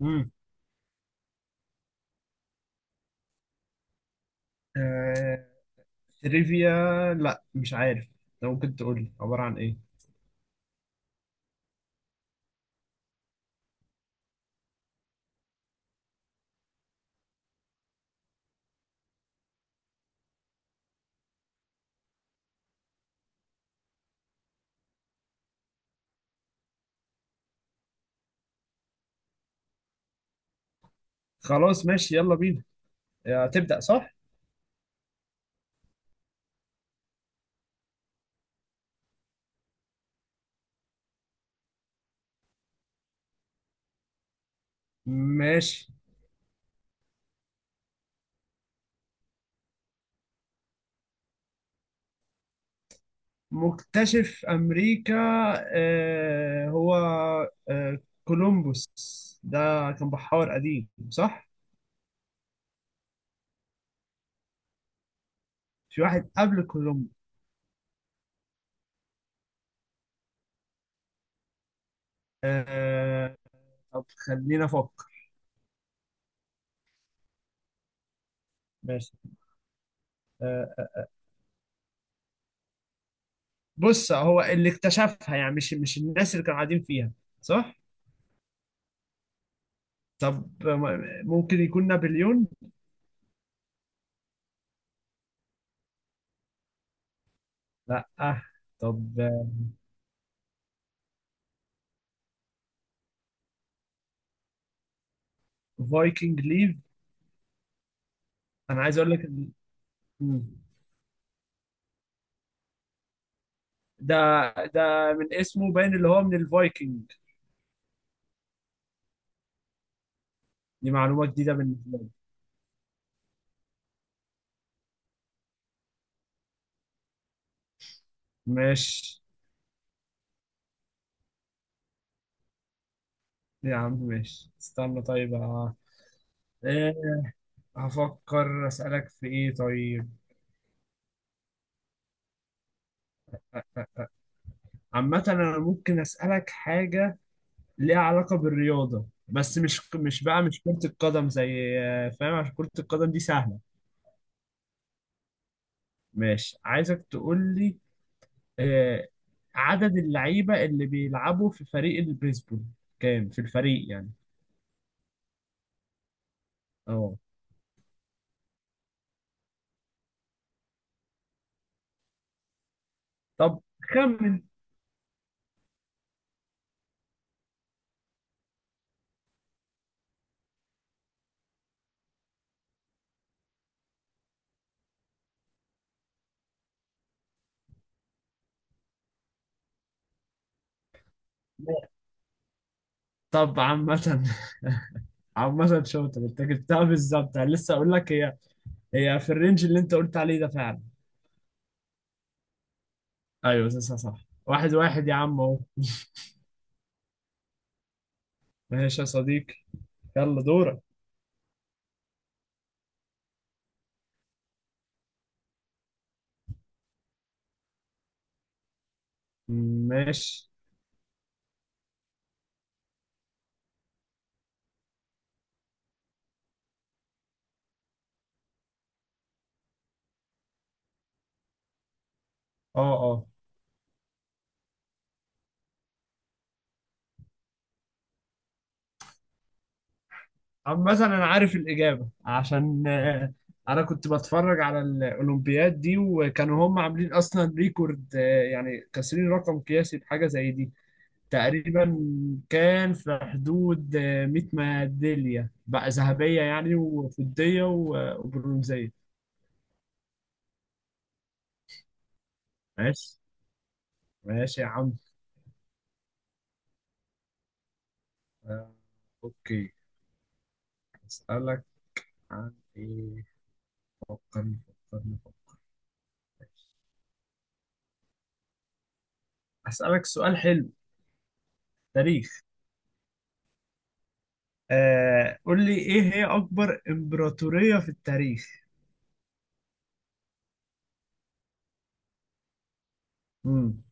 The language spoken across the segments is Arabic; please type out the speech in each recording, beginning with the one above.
امم آه... تريفيا. لا، مش عارف. لو ممكن تقول لي عبارة عن ايه؟ خلاص ماشي، يلا بينا. تبدأ صح؟ ماشي. مكتشف أمريكا. هو آه... كولومبوس ده. كان بحار قديم، صح؟ في واحد قبل كولومبوس؟ آه... طب خلينا أفكر. ماشي. آه... بص، هو اللي اكتشفها، يعني مش الناس اللي كانوا قاعدين فيها، صح. طب، ممكن يكون نابليون؟ لا. طب، فايكنج ليف. انا عايز اقول لك مم. ده ده من اسمه باين، اللي هو من الفايكنج. دي معلومة جديدة بالنسبة لي. ماشي يا عم، ماشي، استنى طيب. إيه، هفكر اسألك في ايه طيب. عامة انا ممكن اسألك حاجة ليها علاقة بالرياضة، بس مش بقى مش كرة القدم، زي فاهم؟ عشان كرة القدم دي سهلة. ماشي، عايزك تقول لي آه، عدد اللعيبة اللي بيلعبوا في فريق البيسبول، كام في الفريق يعني؟ اه. طب خمن. طب، عامة عامة شاطر انت، جبتها بالظبط. انا لسه اقول لك، هي هي في الرينج اللي انت قلت عليه ده فعلا. ايوه، تسعة صح. واحد واحد يا عم، اهو. ماشي يا صديقي، يلا دورك. ماشي. اه، اه. عامة أنا عارف الإجابة، عشان أنا كنت بتفرج على الأولمبياد دي، وكانوا هم عاملين أصلا ريكورد، يعني كاسرين رقم قياسي بحاجة زي دي. تقريبا كان في حدود 100 ميدالية بقى، ذهبية يعني وفضية وبرونزية. ماشي. ماشي يا عم. آه، أوكي. أسألك عن إيه؟ فكرني، فكرني، فكرني. أسألك سؤال حلو. تاريخ. قول لي، ايه هي اكبر امبراطورية في التاريخ؟ امم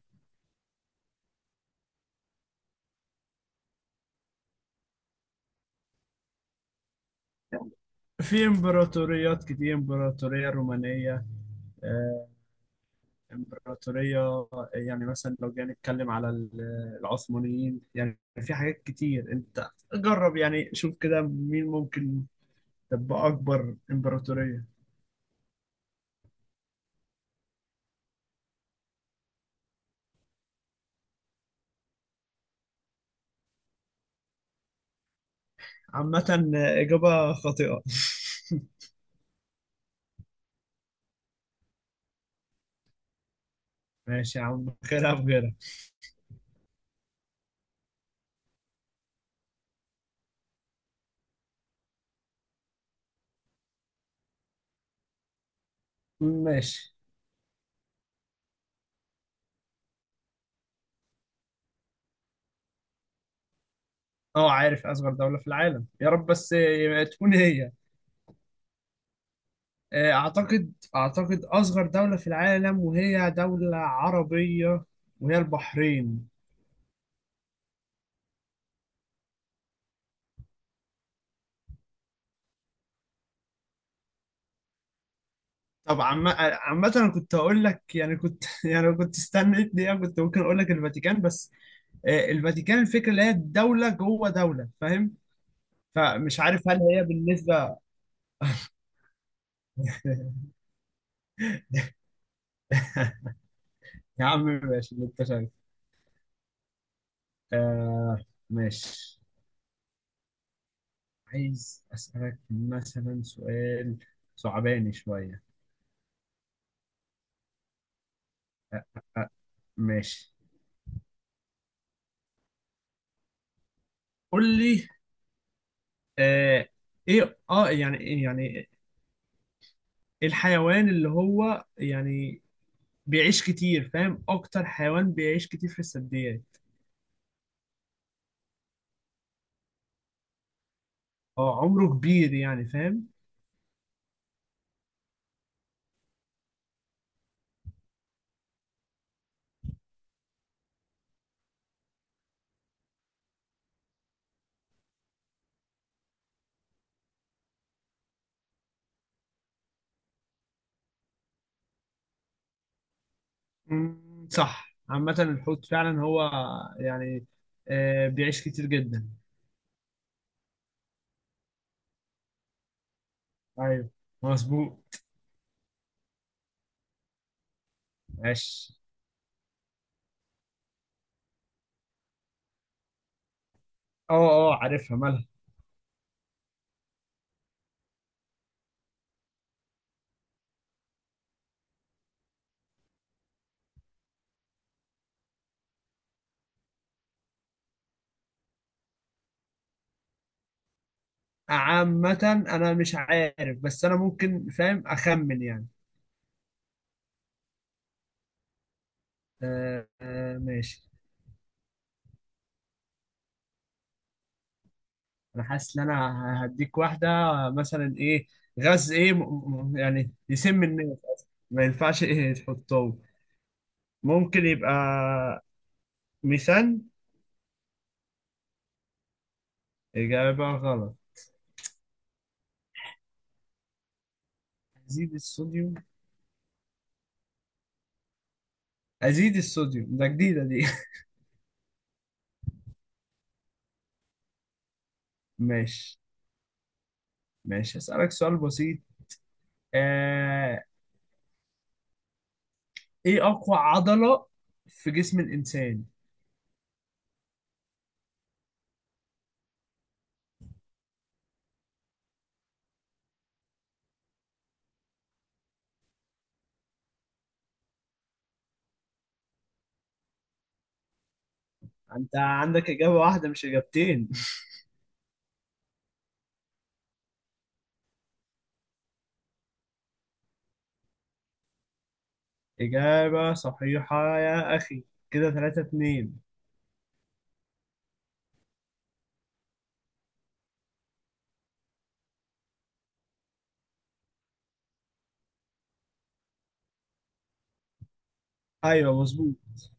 في امبراطوريات كتير: امبراطورية رومانية، آه امبراطورية، يعني مثلا لو جينا نتكلم على العثمانيين. يعني في حاجات كتير، انت جرب، يعني شوف كده مين ممكن تبقى اكبر امبراطورية. عامة اجابة خاطئة. ماشي يا عم، خيرها بغيرها. ماشي. اه، عارف اصغر دولة في العالم، يا رب بس تكون هي. أعتقد أصغر دولة في العالم، وهي دولة عربية، وهي البحرين. طب عامة أنا كنت أقول لك، يعني كنت يعني لو كنت استنيت دقيقة كنت ممكن أقول لك الفاتيكان، بس الفاتيكان، الفكرة اللي هي دولة جوه دولة، فاهم؟ فمش عارف هل هي بالنسبة. يا عم ماشي، اللي أنت شايفه. آه ماشي. عايز أسألك مثلا سؤال، صعباني شوية. آه، آه، آه، ماشي، قول لي. آه ايه، يعني الحيوان اللي هو، يعني بيعيش كتير، فاهم؟ اكتر حيوان بيعيش كتير في الثدييات. اه، عمره كبير يعني، فاهم؟ مم. صح. عامة الحوت فعلا هو، يعني بيعيش كتير جدا. ايوه مظبوط. ماشي. اه، اه. عارفها، مالها؟ عامة انا مش عارف، بس انا ممكن فاهم اخمن يعني. ماشي. انا حاسس ان انا هديك واحده. مثلا ايه؟ غاز ايه، يعني يسم الناس أصلاً. ما ينفعش ايه تحطه. ممكن يبقى ميثان. اجابه غلط. ازيد الصوديوم. ازيد الصوديوم ده جديده دي. ماشي. ماشي، هسألك سؤال بسيط. آه... ايه اقوى عضله في جسم الانسان؟ انت عندك اجابه واحده مش اجابتين. اجابه صحيحه يا اخي. كده 3-2. ايوه مظبوط،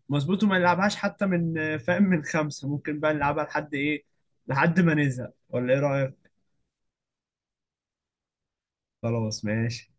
مظبوط. وما نلعبهاش حتى من، فاهم، من خمسة ممكن بقى نلعبها لحد ايه؟ لحد ما نزهق، ولا ايه رأيك؟ خلاص ماشي.